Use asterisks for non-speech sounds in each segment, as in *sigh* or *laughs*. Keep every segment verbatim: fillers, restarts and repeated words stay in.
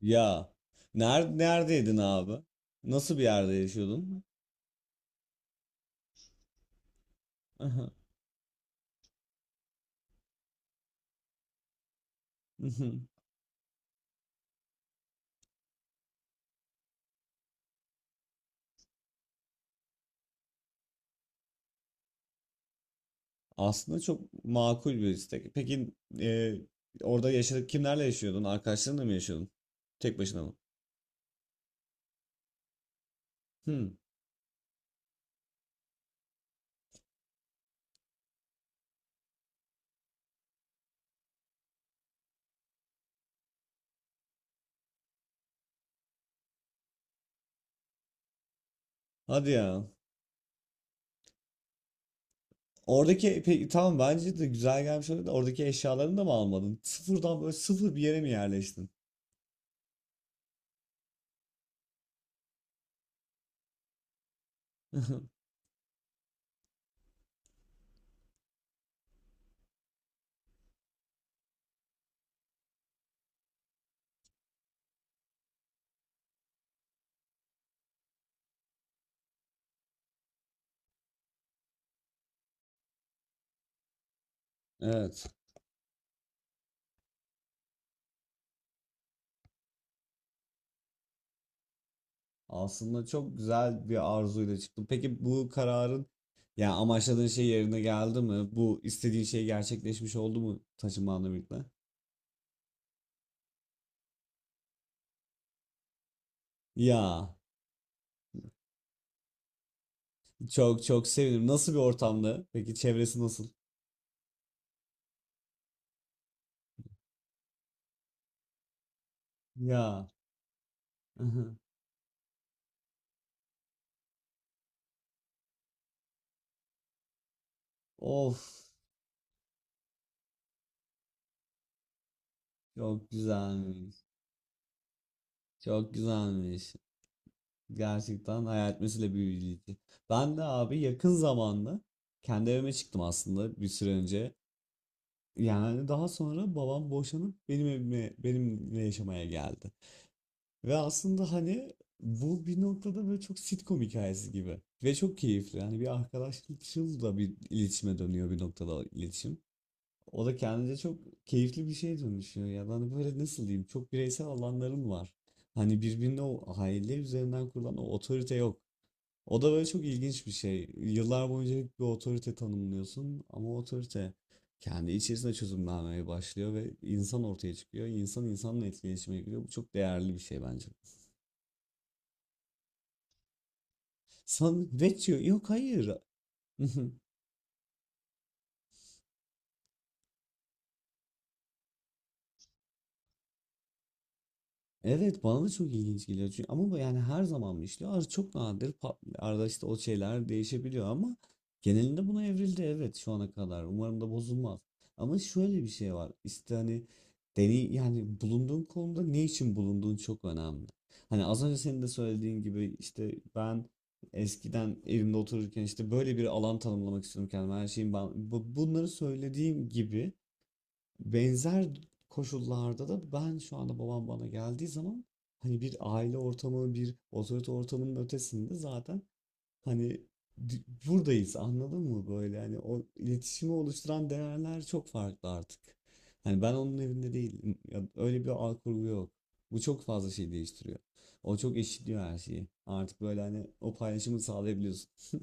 Ya. Nerede, neredeydin abi? Nasıl bir yerde yaşıyordun? *laughs* Aha. Mhm. Aslında çok makul bir istek. Peki e, orada yaşadık kimlerle yaşıyordun? Arkadaşlarınla mı yaşıyordun? Tek başına mı? Hmm. Hadi ya. Oradaki peki tamam bence de güzel gelmiş olabilir de oradaki eşyalarını da mı almadın? Sıfırdan böyle sıfır bir yere mi yerleştin? *laughs* Evet. Aslında çok güzel bir arzuyla çıktım. Peki bu kararın yani amaçladığın şey yerine geldi mi? Bu istediğin şey gerçekleşmiş oldu mu taşınmanla birlikte? Ya çok çok sevinirim. Nasıl bir ortamdı? Peki çevresi nasıl? Ya, *laughs* of, çok güzelmiş. Çok güzelmiş. Gerçekten hayal etmesiyle büyüleyici. Ben de abi yakın zamanda kendi evime çıktım aslında bir süre önce. Yani daha sonra babam boşanıp benim evime benimle yaşamaya geldi. Ve aslında hani bu bir noktada böyle çok sitcom hikayesi gibi. Ve çok keyifli. Hani bir arkadaşlıkçıl da bir iletişime dönüyor bir noktada iletişim. O da kendince çok keyifli bir şeye dönüşüyor. Ya da hani böyle nasıl diyeyim çok bireysel alanların var. Hani birbirine o aile üzerinden kurulan o otorite yok. O da böyle çok ilginç bir şey. Yıllar boyunca hep bir otorite tanımlıyorsun ama o otorite kendi içerisinde çözümlenmeye başlıyor ve insan ortaya çıkıyor. İnsan insanla etkileşime giriyor. Bu çok değerli bir şey bence. San Vecchio yok, hayır. *laughs* Evet, bana da çok ilginç geliyor çünkü, ama bu yani her zaman mı işliyor? Ar- çok nadir pat- arada işte o şeyler değişebiliyor ama genelinde buna evrildi, evet, şu ana kadar. Umarım da bozulmaz. Ama şöyle bir şey var. İşte hani deney yani bulunduğun konuda ne için bulunduğun çok önemli. Hani az önce senin de söylediğin gibi işte ben eskiden evimde otururken işte böyle bir alan tanımlamak istiyorum kendime. Her şeyin ben bu- bunları söylediğim gibi. Benzer koşullarda da ben şu anda babam bana geldiği zaman hani bir aile ortamı, bir otorite ortamının ötesinde zaten hani di- buradayız, anladın mı, böyle hani o iletişimi oluşturan değerler çok farklı artık. Hani ben onun evinde değilim. Ya öyle bir ağ kurgu yok. Bu çok fazla şey değiştiriyor. O çok eşitliyor her şeyi. Artık böyle hani o paylaşımı sağlayabiliyorsun.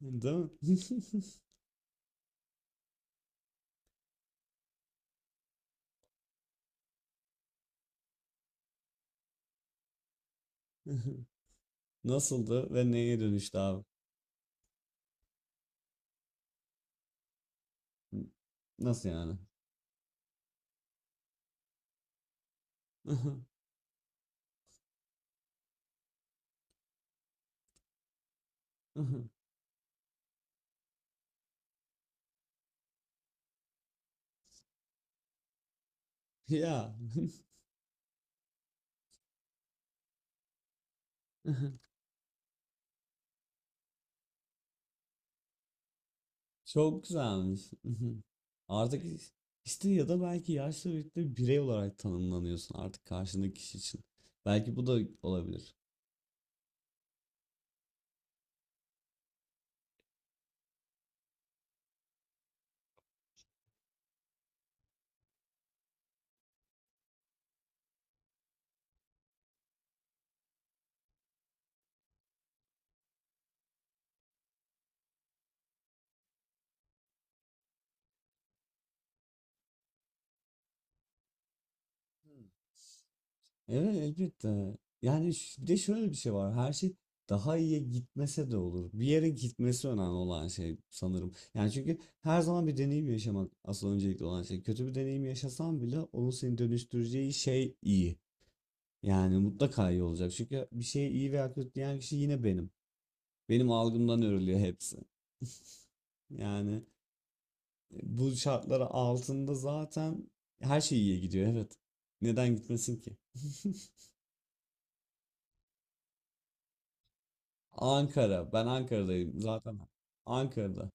*laughs* Değil mi? *laughs* Nasıldı ve neye dönüştü abi? Nasıl yani? *laughs* Ya, *laughs* çok güzelmiş. *laughs* Artık is- işte, ya da belki yaşla birlikte birey olarak tanımlanıyorsun artık karşındaki kişi için. Belki bu da olabilir. Hmm. Evet, elbette. Yani ş- bir de şöyle bir şey var. Her şey daha iyiye gitmese de olur. Bir yere gitmesi önemli olan şey sanırım. Yani çünkü her zaman bir deneyim yaşamak asıl öncelikli olan şey. Kötü bir deneyim yaşasan bile onun seni dönüştüreceği şey iyi. Yani mutlaka iyi olacak. Çünkü bir şey iyi veya kötü diyen kişi yine benim. Benim algımdan örülüyor hepsi. *laughs* Yani e, bu şartlar altında zaten her şey iyiye gidiyor. Evet. Neden gitmesin ki? *laughs* Ankara. Ben Ankara'dayım zaten. Ankara'da.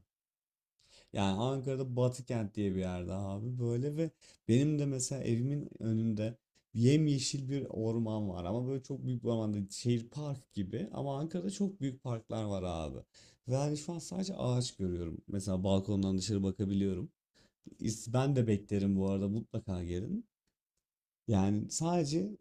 Yani Ankara'da Batıkent diye bir yerde abi, böyle. Ve benim de mesela evimin önünde yemyeşil bir orman var ama böyle çok büyük bir orman değil, şehir park gibi, ama Ankara'da çok büyük parklar var abi. Ve hani şu an sadece ağaç görüyorum. Mesela balkondan dışarı bakabiliyorum. İs- Ben de beklerim bu arada, mutlaka gelin. Yani sadece.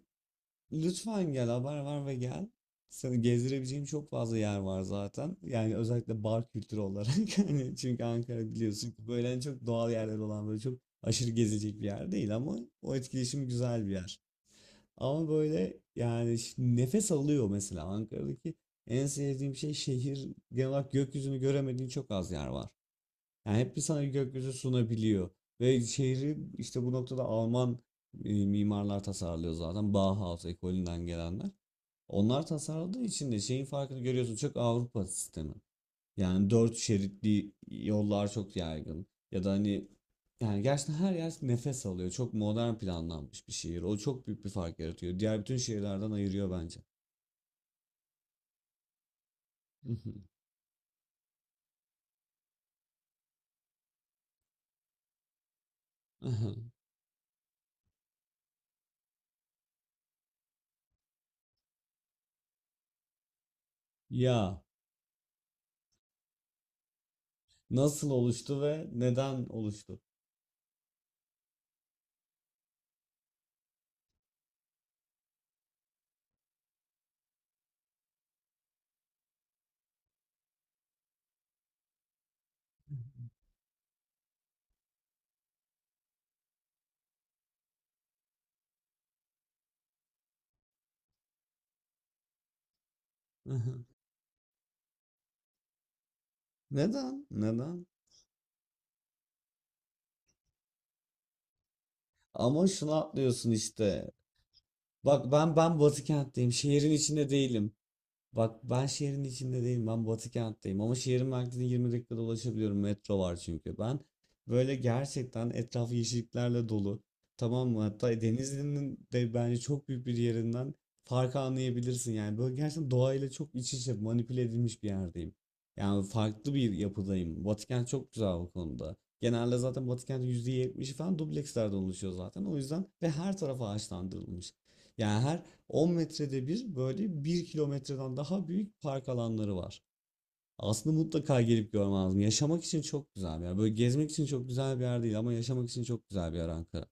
Lütfen gel, haber ver ve gel. Seni gezdirebileceğim çok fazla yer var zaten. Yani özellikle bar kültürü olarak. *laughs* Hani çünkü Ankara biliyorsun ki böyle hani çok doğal yerler olan böyle çok aşırı gezecek bir yer değil, ama o etkileşim güzel bir yer. Ama böyle yani ş- nefes alıyor mesela. Ankara'daki en sevdiğim şey, şehir genel olarak gökyüzünü göremediğin çok az yer var. Yani hep bir sana gökyüzü sunabiliyor. Ve şehri işte bu noktada Alman e, mimarlar tasarlıyor zaten, Bauhaus ekolünden gelenler. Onlar tasarladığı için de şeyin farkını görüyorsun, çok Avrupa sistemi. Yani dört şeritli yollar çok yaygın. Ya da hani yani gerçekten her yer nefes alıyor. Çok modern planlanmış bir şehir. O çok büyük bir fark yaratıyor. Diğer bütün şehirlerden ayırıyor bence. *laughs* Ya, nasıl oluştu ve neden oluştu? *laughs* Neden? Neden? Ama şunu atlıyorsun işte. Bak, ben ben Batı kentteyim. Şehrin içinde değilim. Bak, ben şehrin içinde değilim. Ben Batı kentteyim. Ama şehrin merkezine yirmi dakikada ulaşabiliyorum. Metro var çünkü. Ben böyle gerçekten etrafı yeşilliklerle dolu. Tamam mı? Hatta Denizli'nin de bence çok büyük bir yerinden farkı anlayabilirsin. Yani böyle gerçekten doğayla çok iç içe manipüle edilmiş bir yerdeyim. Yani farklı bir yapıdayım. Batı kent çok güzel o konuda. Genelde zaten Batı kentin yüzde yetmişi falan dublekslerden oluşuyor zaten. O yüzden. Ve her tarafa ağaçlandırılmış. Yani her on metrede bir böyle bir kilometreden daha büyük park alanları var. Aslında mutlaka gelip görmen lazım. Yaşamak için çok güzel bir yer. Böyle gezmek için çok güzel bir yer değil ama yaşamak için çok güzel bir yer Ankara.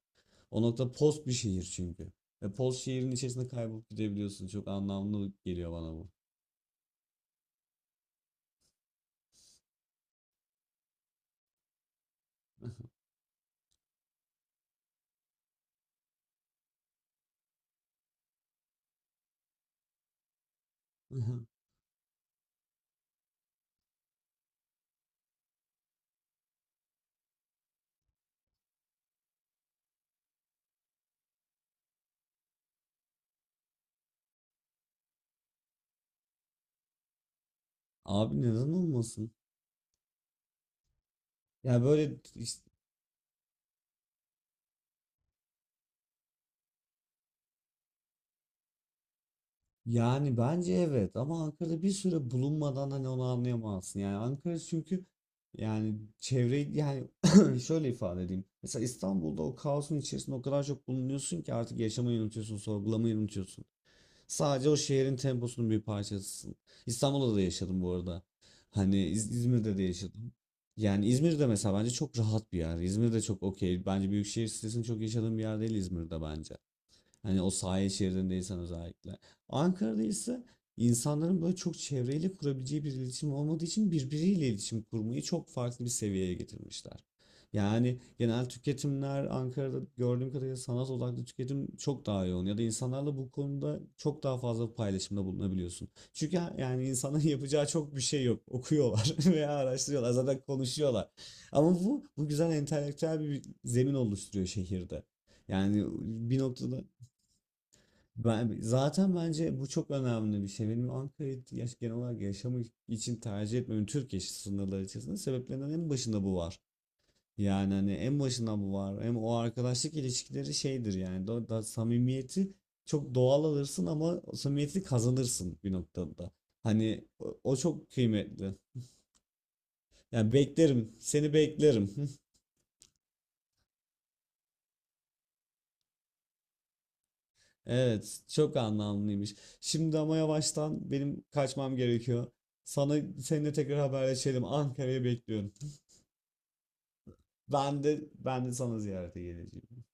O nokta post bir şehir çünkü. Ve post şehrin içerisinde kaybolup gidebiliyorsun. Çok anlamlı geliyor bana bu. *laughs* Abi neden olmasın? Ya böyle işte. Yani bence evet, ama Ankara'da bir süre bulunmadan hani onu anlayamazsın. Yani Ankara çünkü yani çevre, yani *clears throat* şöyle ifade edeyim. Mesela İstanbul'da o kaosun içerisinde o kadar çok bulunuyorsun ki artık yaşamayı unutuyorsun, sorgulamayı unutuyorsun. Sadece o şehrin temposunun bir parçasısın. İstanbul'da da yaşadım bu arada. Hani İz- İzmir'de de yaşadım. Yani İzmir'de mesela bence çok rahat bir yer. İzmir'de çok okey. Bence büyük şehir stresini çok yaşadığım bir yer değil İzmir'de, bence. Hani o sahil şeridindeysen özellikle. Ankara'da ise insanların böyle çok çevreyle kurabileceği bir iletişim olmadığı için birbiriyle iletişim kurmayı çok farklı bir seviyeye getirmişler. Yani genel tüketimler Ankara'da gördüğüm kadarıyla sanat odaklı tüketim çok daha yoğun, ya da insanlarla bu konuda çok daha fazla paylaşımda bulunabiliyorsun. Çünkü ha- yani insanların *laughs* yapacağı çok bir şey yok. Okuyorlar *laughs* veya araştırıyorlar, zaten konuşuyorlar. Ama bu bu güzel entelektüel bir zemin oluşturuyor şehirde. Yani bir noktada ben, zaten bence bu çok önemli bir şey. Benim Ankara'yı yaş, genel olarak yaşamak için tercih etmemin Türkiye sınırları içerisinde sebeplerinden en başında bu var. Yani hani en başında bu var. Hem o arkadaşlık ilişkileri şeydir yani. Da, da samimiyeti çok doğal alırsın ama o samimiyeti kazanırsın bir noktada. Hani o, o çok kıymetli. Yani beklerim, seni beklerim. *laughs* Evet, çok anlamlıymış. Şimdi ama yavaştan benim kaçmam gerekiyor. Sana seninle tekrar haberleşelim. Ankara'ya bekliyorum. Ben de ben de sana ziyarete geleceğim.